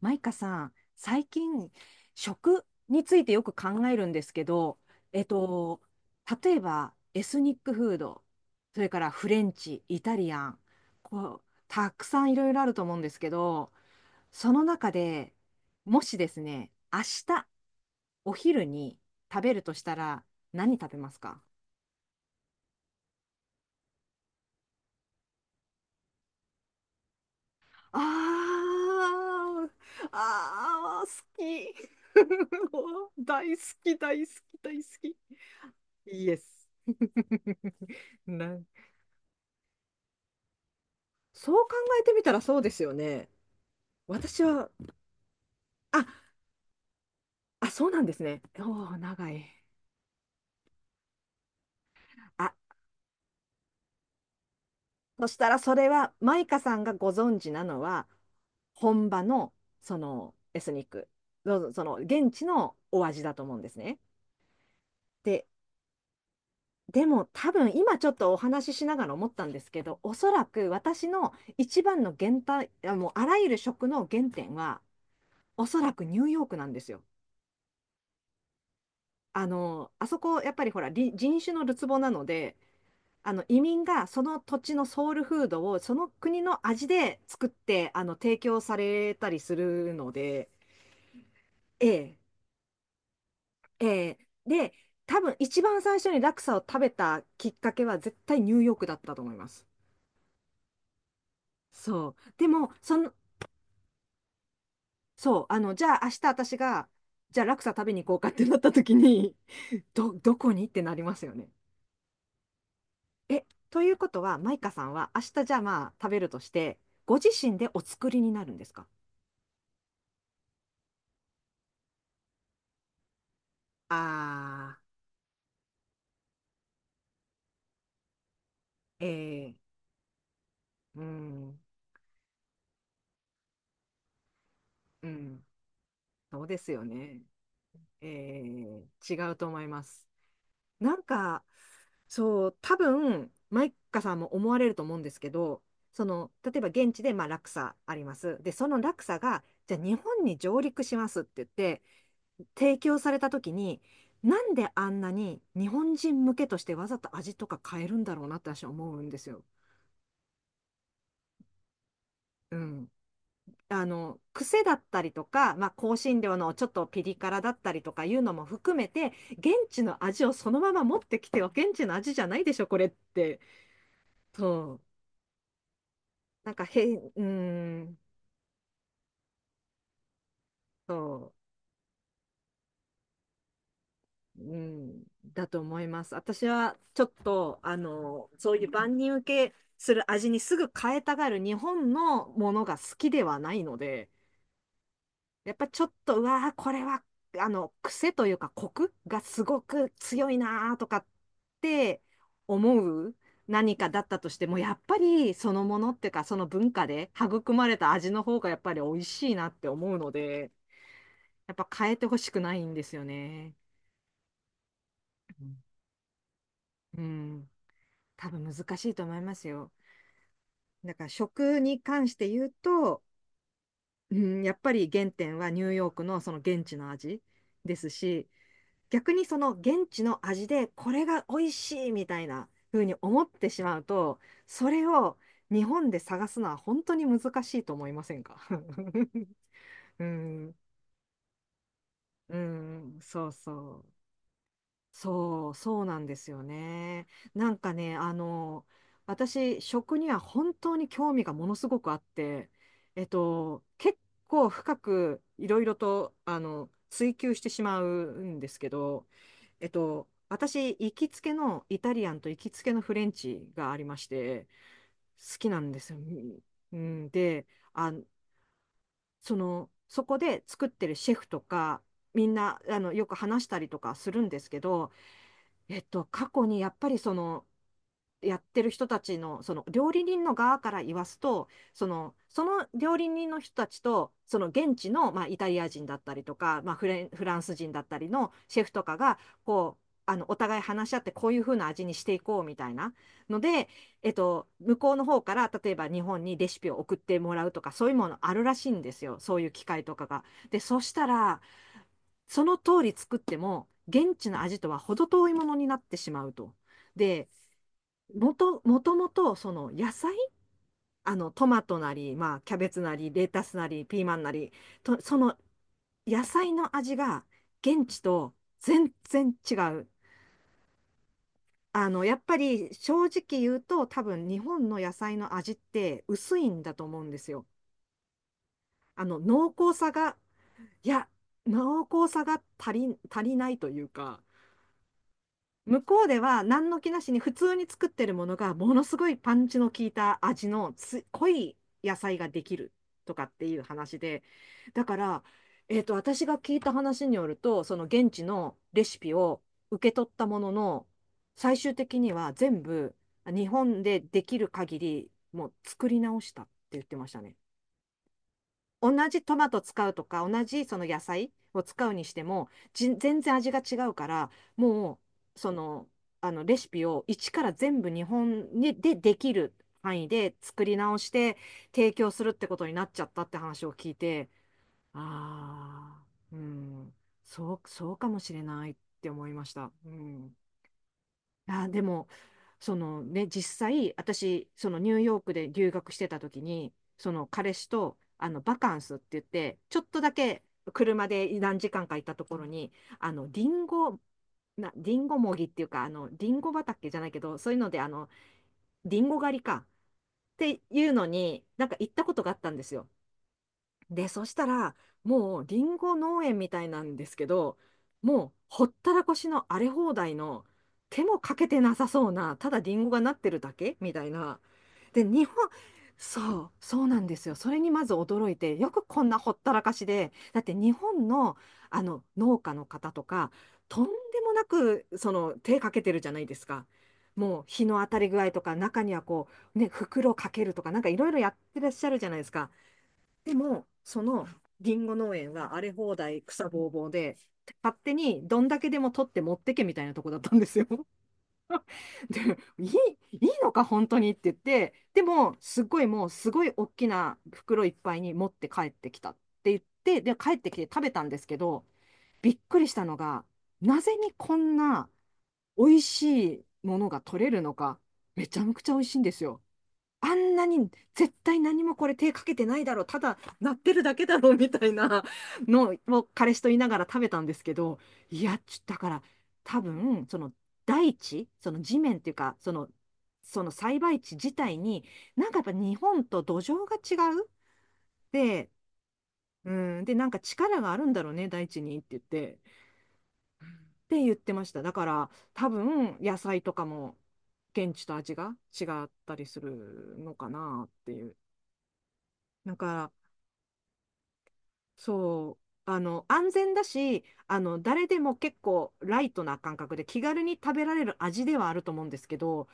マイカさん、最近、食についてよく考えるんですけど、えっと、例えば、エスニックフード、それからフレンチ、イタリアン、たくさんいろいろあると思うんですけど、その中でもしですね、明日、お昼に食べるとしたら、何食べますか？あー、あー、好き。大好き、大好き、大好き。イエス。なそう考えてみたらそうですよね。私は、あ、あ、そうなんですね。おー長い。あ、そしたらそれは、マイカさんがご存知なのは、本場の、エスニック、その、現地のお味だと思うんですね。で、でも多分、今ちょっとお話ししながら思ったんですけど、おそらく私の一番の原体、あもうあらゆる食の原点は、おそらくニューヨークなんですよ。あそこ、やっぱりほら、人種のるつぼなので、移民がその土地のソウルフードをその国の味で作って、提供されたりするので、ええ、ええ。で、多分一番最初にラクサを食べたきっかけは絶対ニューヨークだったと思います。そう。でも、その、そう、じゃあ明日私が、じゃあラクサ食べに行こうかってなった時に、どこにってなりますよね。え、ということは、マイカさんは明日じゃあまあ食べるとして、ご自身でお作りになるんですか？ああー、えー、うん、うん、そうですよね。えー、違うと思います。なんか、そう、多分、マイカさんも思われると思うんですけど、その、例えば現地でまあ落差あります。で、その落差が、じゃあ日本に上陸しますって言って、提供された時に、なんであんなに日本人向けとしてわざと味とか変えるんだろうなって私は思うんですよ。うん。癖だったりとか、まあ、香辛料のちょっとピリ辛だったりとかいうのも含めて、現地の味をそのまま持ってきては現地の味じゃないでしょ、これって。そう。なんか変、うーん、そう。うん、だと思います。私はちょっと、そういう万人受けする味にすぐ変えたがる日本のものが好きではないので、やっぱちょっと、うわー、これは、癖というか、コクがすごく強いなーとかって思う何かだったとしても、やっぱりそのものっていうか、その文化で育まれた味の方がやっぱり美味しいなって思うので、やっぱ変えてほしくないんですよね。うん。多分難しいと思いますよ。だから食に関して言うと、うん、やっぱり原点はニューヨークのその現地の味ですし、逆にその現地の味でこれが美味しいみたいな風に思ってしまうと、それを日本で探すのは本当に難しいと思いませんか？ うん、うん、そうそう。そう、そうなんですよね。なんかね、私、食には本当に興味がものすごくあって、結構深くいろいろと、追求してしまうんですけど、私、行きつけのイタリアンと行きつけのフレンチがありまして、好きなんですよ。うん、で、あ、その、そこで作ってるシェフとか、みんな、よく話したりとかするんですけど、過去にやっぱりその、やってる人たちの、その料理人の側から言わすと、その料理人の人たちと、その現地の、まあ、イタリア人だったりとか、まあ、フランス人だったりのシェフとかが、お互い話し合って、こういう風な味にしていこうみたいなので、向こうの方から、例えば日本にレシピを送ってもらうとか、そういうものあるらしいんですよ。そういう機会とかが。で、そしたら、その通り作っても、現地の味とは程遠いものになってしまうと。で、もともとその野菜、あのトマトなり、まあ、キャベツなり、レタスなり、ピーマンなり、とその野菜の味が現地と全然違う。やっぱり正直言うと多分日本の野菜の味って薄いんだと思うんですよ。あの濃厚さが、いや、濃厚さが足り、足りないというか、向こうでは何の気なしに普通に作ってるものがものすごいパンチの効いた味の濃い野菜ができるとかっていう話で、だから、私が聞いた話によると、その現地のレシピを受け取ったものの、最終的には全部日本でできる限りもう作り直したって言ってましたね。同じトマト使うとか、同じその野菜を使うにしても、全然味が違うから、もう、レシピを一から全部日本にでできる範囲で作り直して、提供するってことになっちゃったって話を聞いて、ああ、うん、そう、そうかもしれないって思いました。うん。あー、でも、そのね、実際、私、そのニューヨークで留学してた時に、その彼氏と、バカンスって言って、ちょっとだけ車で何時間かいたところに、あの、リンゴもぎっていうか、リンゴ畑じゃないけど、そういうので、リンゴ狩りかっていうのに、なんか行ったことがあったんですよ。で、そしたら、もうリンゴ農園みたいなんですけど、もうほったらかしの荒れ放題の、手もかけてなさそうな、ただリンゴがなってるだけみたいな。で、日本、そう、そうなんですよ。それにまず驚いて、よくこんなほったらかしで、だって日本の、農家の方とか、とんでもなくその手かけてるじゃないですか。もう日の当たり具合とか、中にはね、袋かけるとか、なんかいろいろやってらっしゃるじゃないですか。でも、そのリンゴ農園は荒れ放題草ぼうぼうで、勝手にどんだけでも取って持ってけみたいなとこだったんですよ。で、いい、いいのか本当にって言って、でも、すごいもう、すごい大きな袋いっぱいに持って帰ってきたって言って、で、帰ってきて食べたんですけど、びっくりしたのが、なぜにこんな美味しいものが取れるのか、めちゃくちゃ美味しいんですよ。あんなに絶対何もこれ手かけてないだろう、ただ鳴ってるだけだろうみたいな のを彼氏と言いながら食べたんですけど、いや、だから多分、その大地、その地面っていうか、その、その栽培地自体に、なんかやっぱ日本と土壌が違う。で、うん、で、なんか力があるんだろうね、大地にって言って、って言ってました。だから多分野菜とかも現地と味が違ったりするのかなっていう。なんかそう。安全だし、誰でも結構ライトな感覚で気軽に食べられる味ではあると思うんですけど、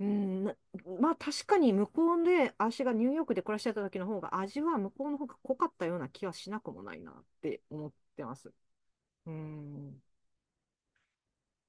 うん、なまあ確かに向こうで、私がニューヨークで暮らしてた時の方が味は向こうの方が濃かったような気はしなくもないなって思ってます。うん。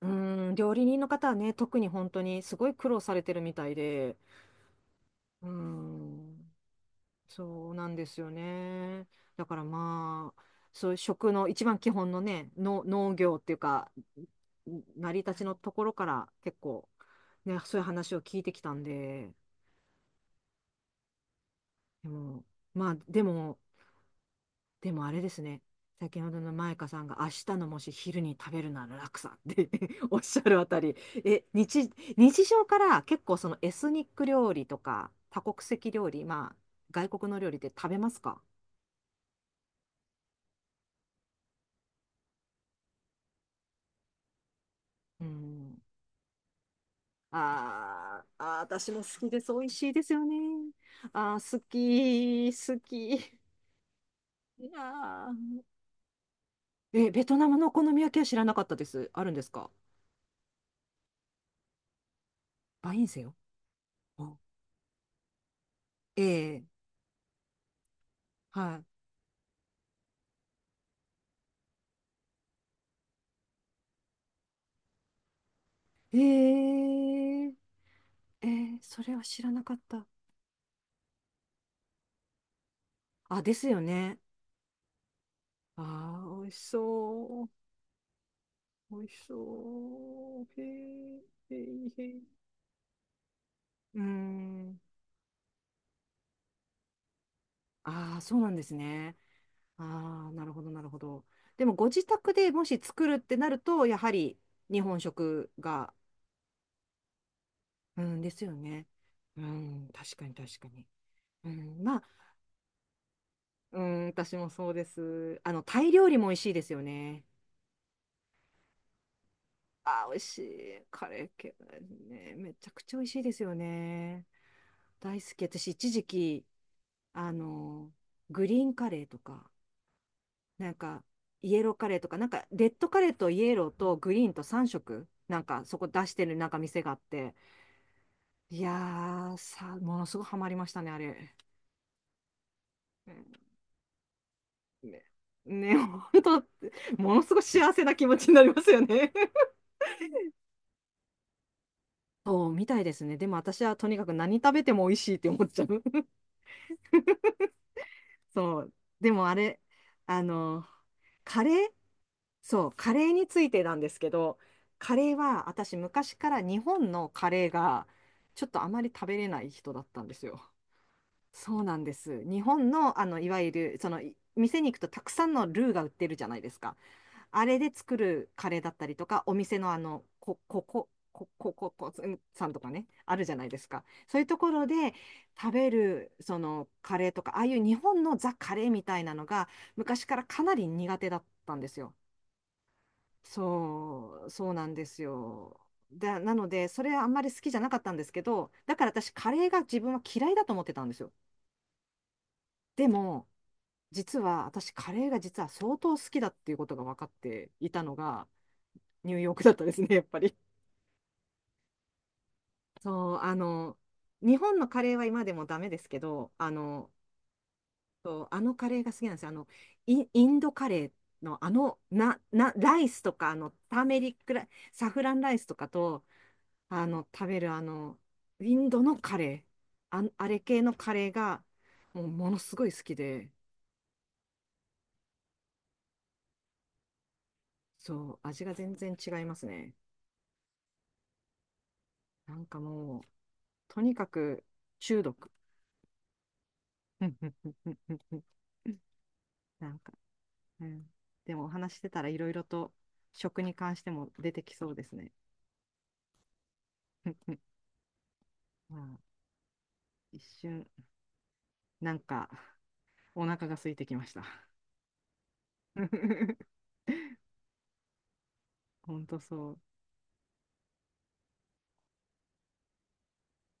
うん、料理人の方はね、特に本当にすごい苦労されてるみたいで、うん。そうなんですよね。だからまあ、そういう食の一番基本のね、の農業っていうか、成り立ちのところから結構、ね、そういう話を聞いてきたんで、でも、まあ、でも、でもあれですね。先ほどのマイカさんが明日のもし昼に食べるなら楽さんって おっしゃるあたり、え、日、日常から結構そのエスニック料理とか多国籍料理、まあ外国の料理って食べますか？うん。あーあー、私も好きです。美味しいですよね。あー、好き、好き。いやえ、ベトナムのお好み焼きは知らなかったです。あるんですか？バインセよ。あ、ええ、はい。ええ、ええ、それは知らなかった。あ、ですよね。ああ、美味しそう。美味しそう。へえ、へえ、へえ。うーん。ああ、そうなんですね。ああ、なるほど、なるほど。でも、ご自宅でもし作るってなると、やはり日本食が、うん、ですよね。うん、確かに、確かに。うん、まあ、うん、私もそうです。あの、タイ料理も美味しいですよね。あー美味しい。カレー系、ね、めちゃくちゃ美味しいですよね。大好き。私、一時期、あの、グリーンカレーとか、なんか、イエローカレーとか、なんか、レッドカレーとイエローとグリーンと3色、なんか、そこ出してるなんか店があって、いやものすごいハマりましたね、あれ。うん、ね、ね、本当、ものすごい幸せな気持ちになりますよね。そう、みたいですね。でも私はとにかく何食べても美味しいって思っちゃう。そう。でもあれ、あの、カレーそう、カレーについてなんですけど、カレーは私昔から日本のカレーがちょっとあまり食べれない人だったんですよ。そうなんです。日本の、あの、いわゆる、その、い店に行くとたくさんのルーが売ってるじゃないですか。あれで作るカレーだったりとか、お店のあの、こ、ここ、こ、こ、こ、こ、うんさんとかね、あるじゃないですか。そういうところで食べる、その、カレーとか、ああいう日本のザ・カレーみたいなのが、昔からかなり苦手だったんですよ。そうなんですよ。なので、それはあんまり好きじゃなかったんですけど、だから私、カレーが自分は嫌いだと思ってたんですよ。でも、実は私、カレーが実は相当好きだっていうことが分かっていたのが、ニューヨークだったですね、やっぱり。そう、あの、日本のカレーは今でもダメですけど、あの、そうあのカレーが好きなんですよ。あの、インドカレーの、あの、ライスとか、あの、ターメリックラサフランライスとかと、あの、食べるあの、インドのカレー、あれ系のカレーが、もうものすごい好きで、そう、味が全然違いますね。なんかもう、とにかく中毒。なんか、うん。でもお話ししてたらいろいろと食に関しても出てきそうですね。まあ、一瞬、なんか、お腹が空いてきました。ほんとそう。